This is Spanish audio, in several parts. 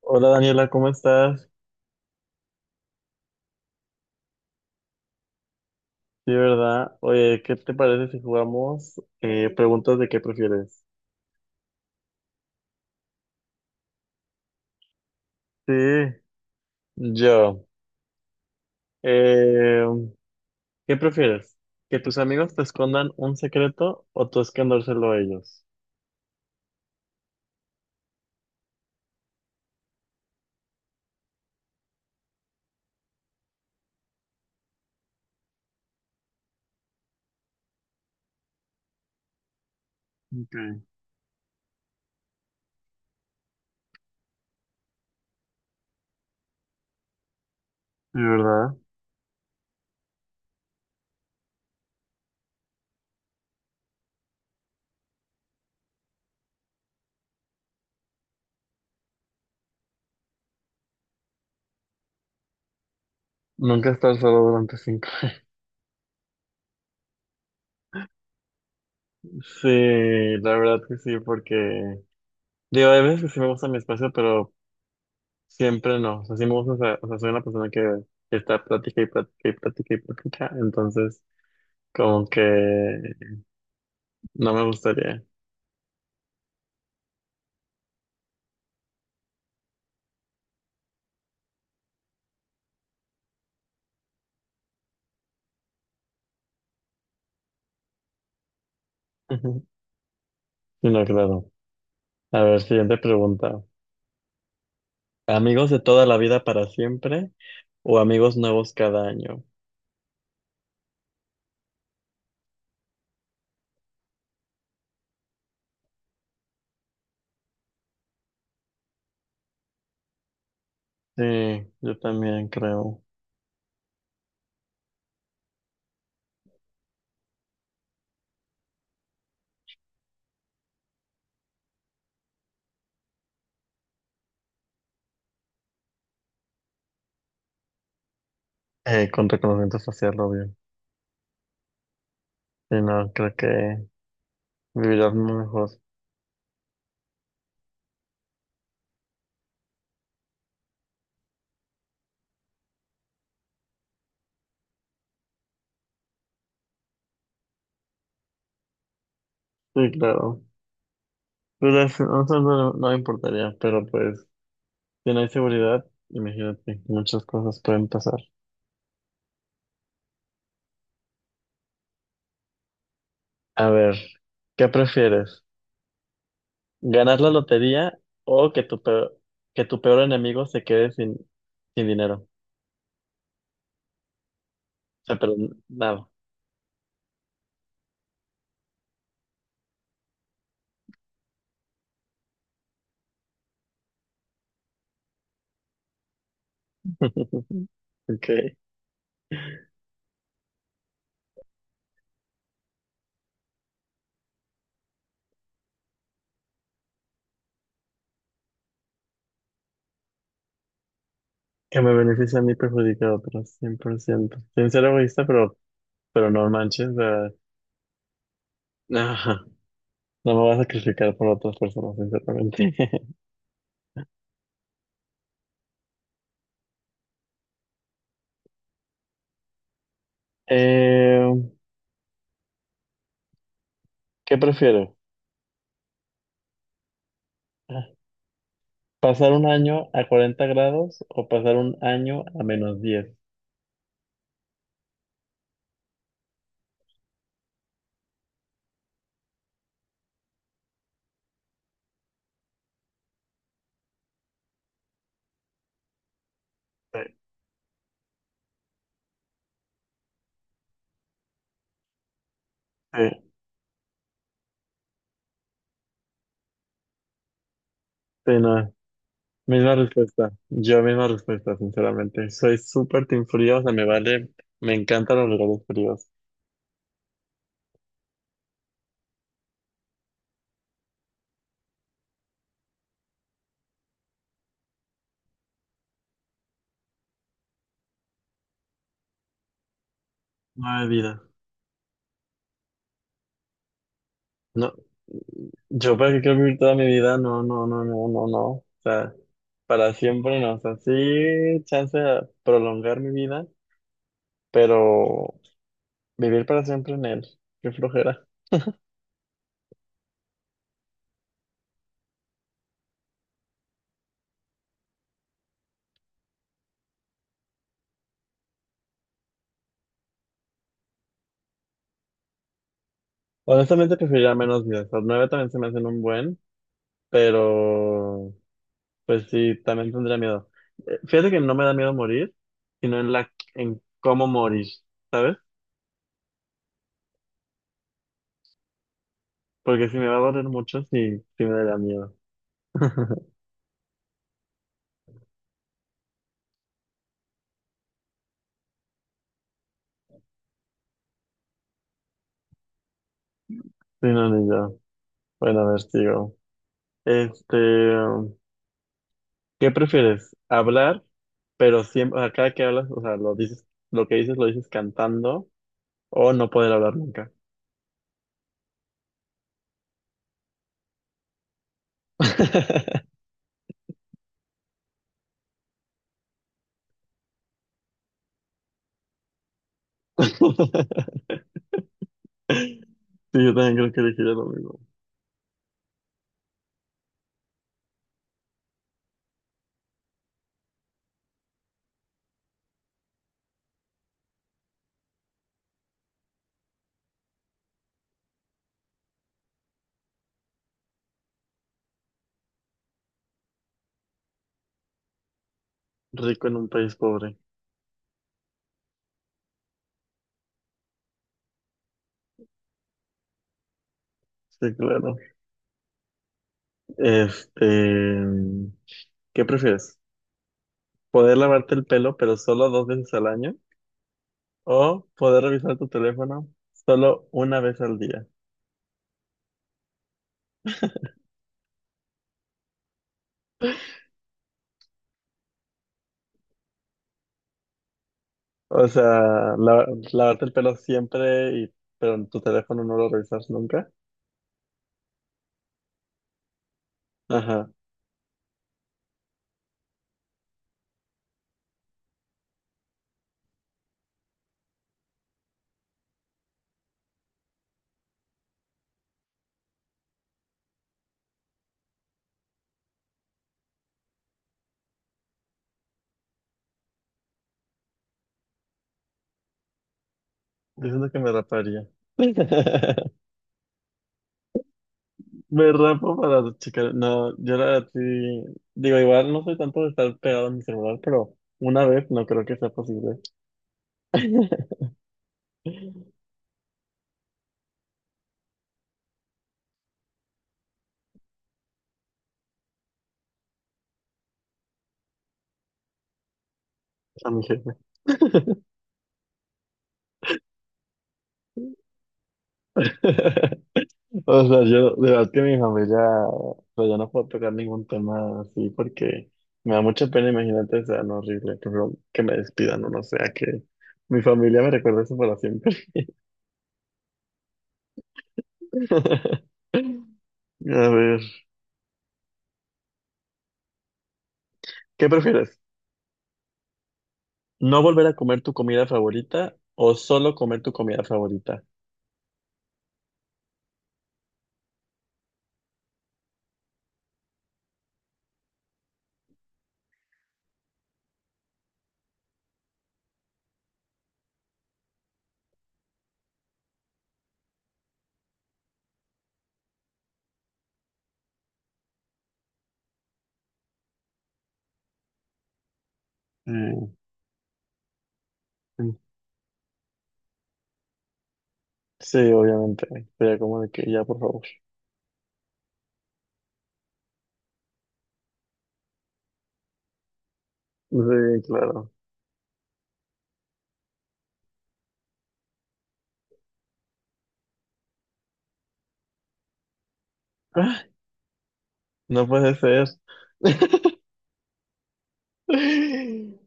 Hola Daniela, ¿cómo estás? Sí, ¿verdad? Oye, ¿qué te parece si jugamos preguntas de qué prefieres? Sí, yo. Eh, ¿qué prefieres? ¿Que tus amigos te escondan un secreto o tú escondérselo a ellos? Ok, sí, ¿verdad? Nunca estar solo durante 5 años. Sí, la verdad que sí, porque digo, hay veces que sí me gusta mi espacio, pero siempre no. O sea, sí me gusta, o sea, soy una persona que está plática y plática y plática y plática, entonces... Como que no me gustaría. Ujú. No, claro. A ver, siguiente pregunta. ¿Amigos de toda la vida para siempre o amigos nuevos cada año? Sí, yo también creo. Con reconocimiento facial, obvio. Sí, no, creo que vivirás muy mejor. Sí, claro. Pero eso no, no no me importaría, pero pues, si no hay seguridad, imagínate, muchas cosas pueden pasar. A ver, ¿qué prefieres? ¿Ganar la lotería o que tu peor enemigo se quede sin dinero? O sea, pero nada. Ok. Que me beneficie a mí perjudica a otros, 100%. Sin ser egoísta, pero no manches. Ajá. No me voy a sacrificar por otras personas, sinceramente. Eh, ¿qué prefiero? ¿Pasar un año a 40 grados o pasar un año a -10? Sí, sí, sí, no. Yo misma respuesta, sinceramente. Soy súper team frío, o sea, me vale, me encantan los regalos fríos. No hay vida. No, yo para qué quiero vivir toda mi vida, no, no, no, no, no, no. O sea, para siempre no, o sea, sí, chance de prolongar mi vida, pero vivir para siempre en él, qué flojera. Honestamente preferiría menos días, los nueve también se me hacen un buen, pero pues sí, también tendría miedo. Fíjate que no me da miedo morir, sino en cómo morir, ¿sabes? Porque si me va a doler mucho, sí, sí me daría miedo. Sí, no, ni yo. Bueno, a ver, sigo. Este, ¿qué prefieres? ¿Hablar, pero siempre, o sea, cada que hablas, o sea, lo dices, lo que dices lo dices cantando, o no poder hablar nunca? Sí, yo también creo que elegiría lo mismo. Rico en un país pobre. Sí, claro. Este, ¿qué prefieres? ¿Poder lavarte el pelo, pero solo dos veces al año, o poder revisar tu teléfono solo una vez al día? O sea, lavarte el pelo siempre, y, pero en tu teléfono no lo revisas nunca. Ajá, diciendo que me raparía. Me rapo para checar. No, yo la verdad sí. Digo, igual no soy tanto de estar pegado a mi celular, pero una vez no creo que sea posible. A mi jefe. O sea, yo, de verdad que mi familia, o sea, yo no puedo tocar ningún tema así porque me da mucha pena, imagínate, o sea, no horrible, pero que me despidan o no sea que mi familia me recuerde eso para siempre. A ver, ¿qué prefieres? ¿No volver a comer tu comida favorita o solo comer tu comida favorita? Mm, mm. Sí, obviamente, sería como de que ya, por favor. Sí, claro. Ah, no puede ser.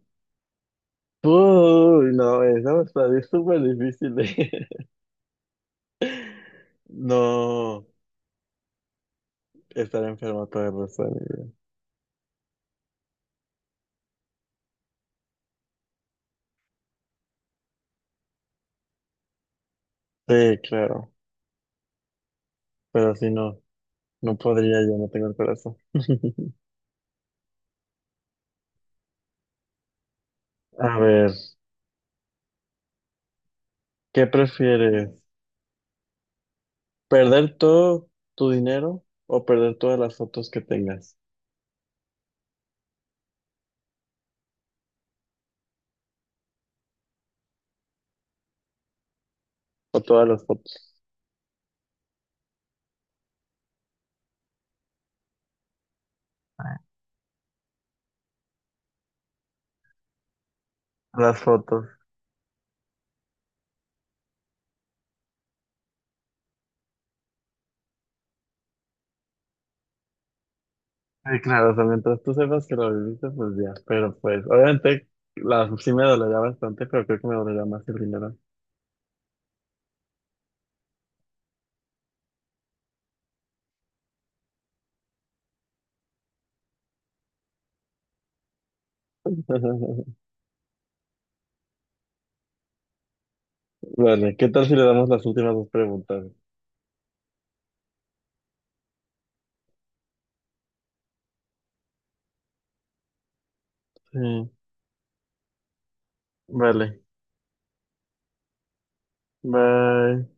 Uy, no, eso está es súper difícil. No, estar enfermo todo el resto de mi vida. Sí, claro, pero si no, no podría, yo no tengo el corazón. A ver, ¿qué prefieres? ¿Perder todo tu dinero o perder todas las fotos que tengas? O todas las fotos. Las fotos. Sí, claro, o sea, mientras tú sepas que lo viviste, pues ya, pero pues, obviamente, sí me dolería bastante, pero creo que me dolería más el dinero. Vale, ¿qué tal si le damos las últimas dos preguntas? Sí, vale, bye.